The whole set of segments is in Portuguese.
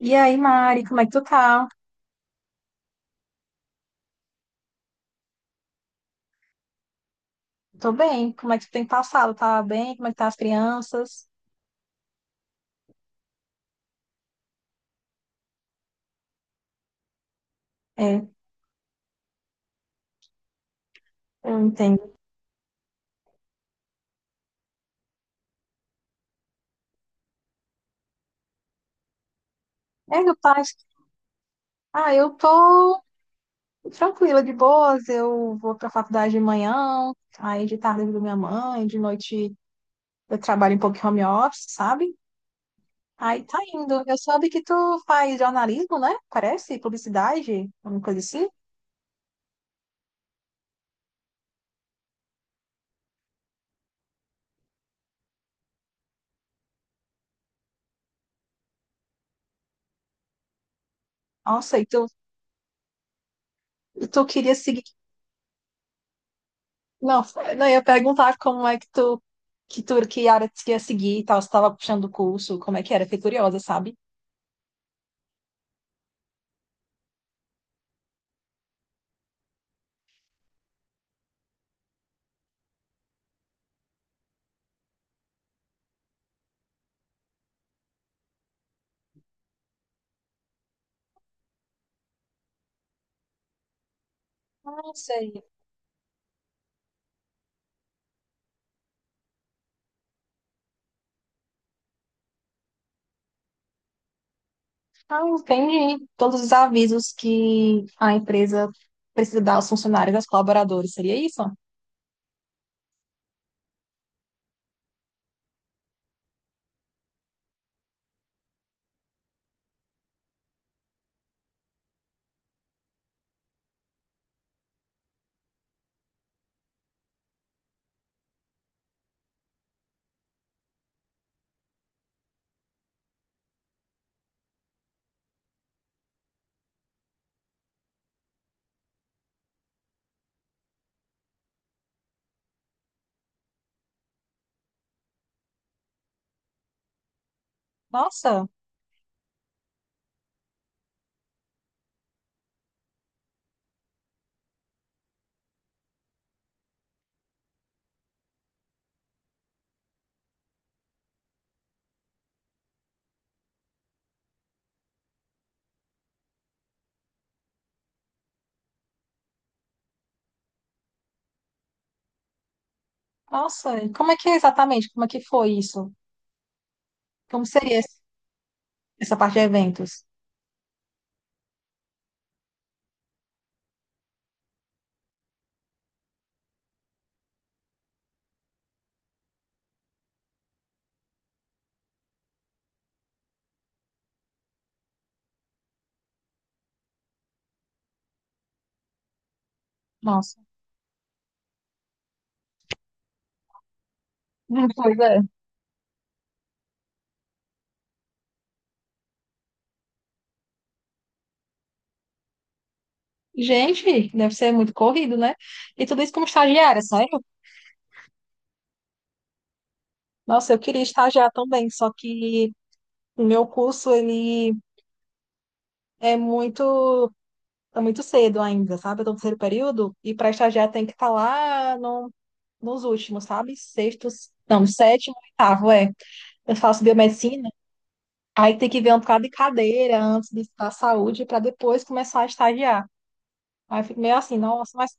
E aí, Mari, como é que tu tá? Tô bem. Como é que tu tem passado? Tá bem? Como é que tá as crianças? É, eu entendo. É, meu pai. Ah, eu tô tranquila, de boas. Eu vou pra faculdade de manhã, aí de tarde eu ajudo minha mãe, de noite eu trabalho um pouco em home office, sabe? Aí tá indo. Eu soube que tu faz jornalismo, né? Parece, publicidade, alguma coisa assim. Nossa, e tu queria seguir. Não, não, eu ia perguntar como é que tu, que área tu ia seguir e tal, se tava puxando o curso, como é que era, fiquei curiosa, sabe? Não sei. Ah, entendi. Todos os avisos que a empresa precisa dar aos funcionários, aos colaboradores, seria isso? Nossa, nossa. E como é que é exatamente? Como é que foi isso? Como seria essa parte de eventos? Nossa. Pois é. Gente, deve ser muito corrido, né? E tudo isso como estagiária, sério? Nossa, eu queria estagiar também, só que o meu curso, ele é muito cedo ainda, sabe? Eu tô no terceiro período e para estagiar tem que estar lá no, nos últimos, sabe? Sextos, não, sétimo, oitavo, é. Eu faço biomedicina, aí tem que ver um bocado de cadeira antes de estudar saúde para depois começar a estagiar. Aí eu fico meio assim, nossa, mas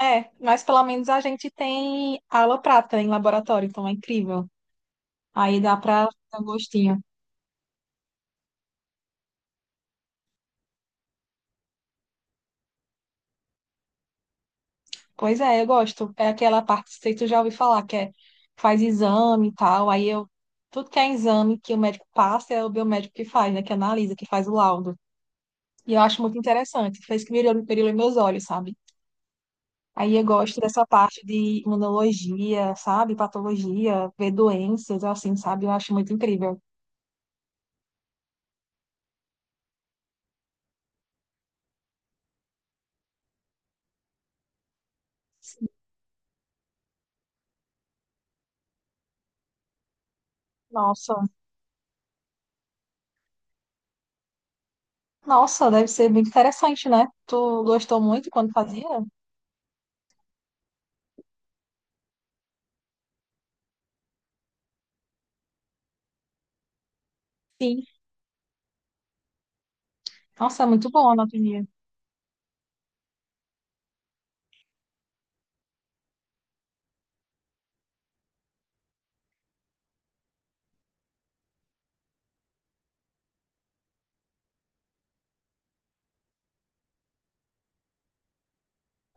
é, mas pelo menos a gente tem aula prática em laboratório, então é incrível. Aí dá para dar um gostinho. Pois é, eu gosto. É aquela parte, não sei se tu já ouviu falar, que é faz exame e tal. Tudo que é exame que o médico passa é o biomédico que faz, né? Que analisa, que faz o laudo. E eu acho muito interessante. Fez que brilhou em meus olhos, sabe? Aí eu gosto dessa parte de imunologia, sabe? Patologia, ver doenças, assim, sabe? Eu acho muito incrível. Nossa, nossa, deve ser muito interessante, né? Tu gostou muito quando fazia? Sim. Nossa, é muito bom a anatomia.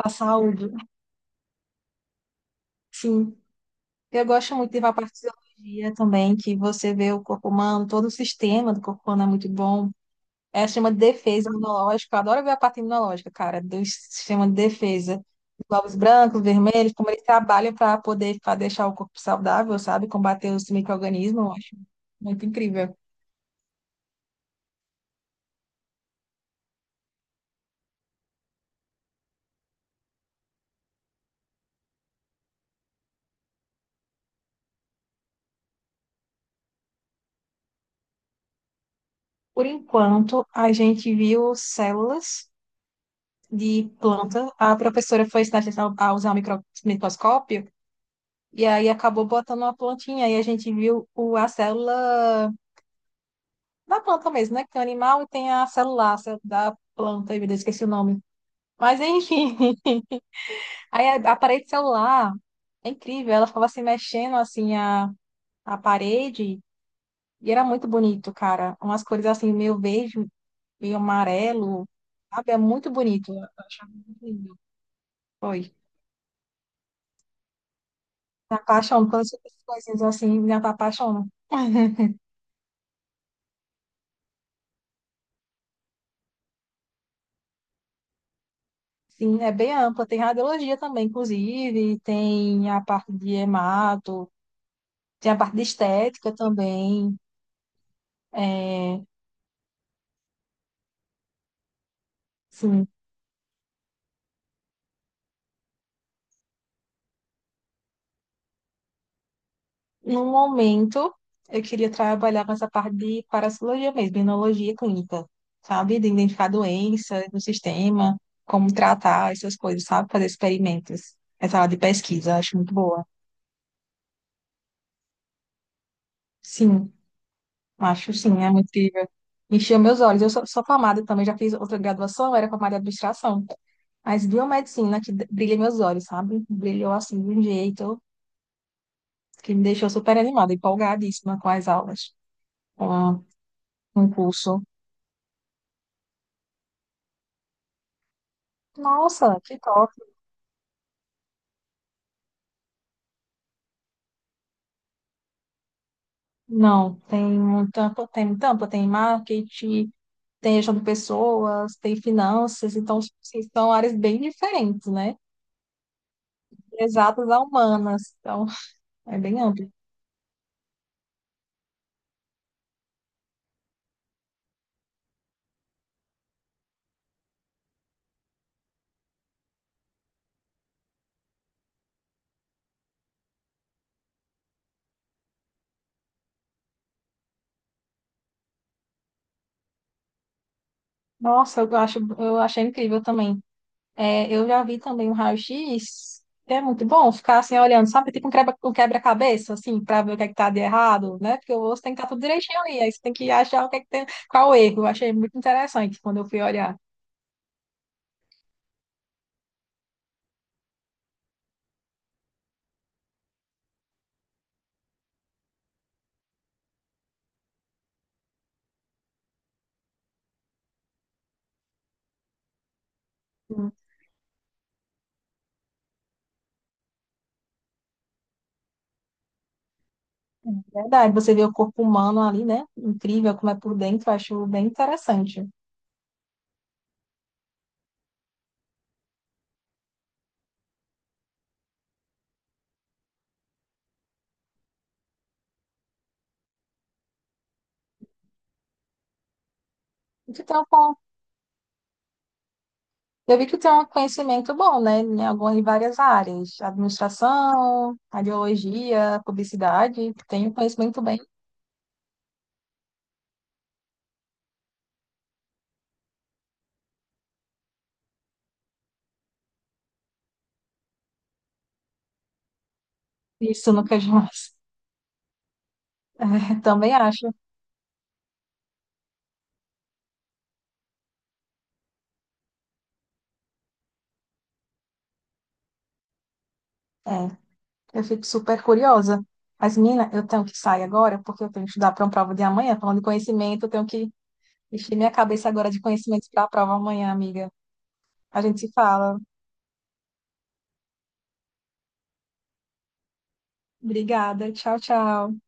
A saúde. Sim. Eu gosto muito de fisiologia também, que você vê o corpo humano, todo o sistema do corpo humano é muito bom. É o sistema de defesa imunológica. Eu adoro ver a parte imunológica, cara, do sistema de defesa. Os glóbulos brancos, vermelhos, como eles trabalham para poder pra deixar o corpo saudável, sabe? Combater os micro-organismos, eu acho muito incrível. Por enquanto, a gente viu células de planta. A professora foi ensinar a gente a usar o microscópio. E aí acabou botando uma plantinha e a gente viu a célula da planta mesmo, né? Que tem o animal e tem a celular, a célula da planta, eu esqueci o nome. Mas enfim, aí a parede celular é incrível, ela ficava se mexendo assim a parede e era muito bonito, cara. Umas cores assim meio verde, meio amarelo, sabe? É muito bonito. Eu achava muito lindo. Foi. Me apaixono, quando eu sou essas coisinhas assim, me apaixono. Sim, é bem ampla. Tem radiologia também, inclusive, tem a parte de hemato, tem a parte de estética também. É, sim, no momento, eu queria trabalhar com essa parte de parasitologia mesmo, imunologia clínica, sabe? De identificar doença no sistema, como tratar essas coisas, sabe? Fazer experimentos. Essa área de pesquisa, eu acho muito boa. Sim. Acho sim, é muito incrível. Encheu meus olhos. Sou formada também, já fiz outra graduação, era formada em administração. Mas biomedicina que brilha meus olhos, sabe? Brilhou assim de um jeito que me deixou super animada, empolgadíssima com as aulas, com com o curso. Nossa, que top! Não, tem tanto, tem marketing, tem gestão de pessoas, tem finanças, então assim, são áreas bem diferentes, né? Exatas a humanas, então é bem amplo. Nossa, eu acho, eu achei incrível também. É, eu já vi também um raio-x, que é muito bom ficar assim olhando, sabe? Tipo um quebra-cabeça, assim, para ver o que é que tá de errado, né? Porque o osso tem que estar tudo direitinho ali, aí você tem que achar o que é que tem, qual o erro. Eu achei muito interessante quando eu fui olhar. Hum, é verdade, você vê o corpo humano ali, né? Incrível como é por dentro, eu acho bem interessante. Então, eu vi que tem um conhecimento bom, né, em algumas, em várias áreas, administração, radiologia, publicidade, tem um conhecimento bem isso no que mais. É, também acho. É, eu fico super curiosa. Mas, menina, eu tenho que sair agora, porque eu tenho que estudar para uma prova de amanhã. Falando de conhecimento, eu tenho que encher minha cabeça agora de conhecimentos para a prova amanhã, amiga. A gente se fala. Obrigada. Tchau, tchau.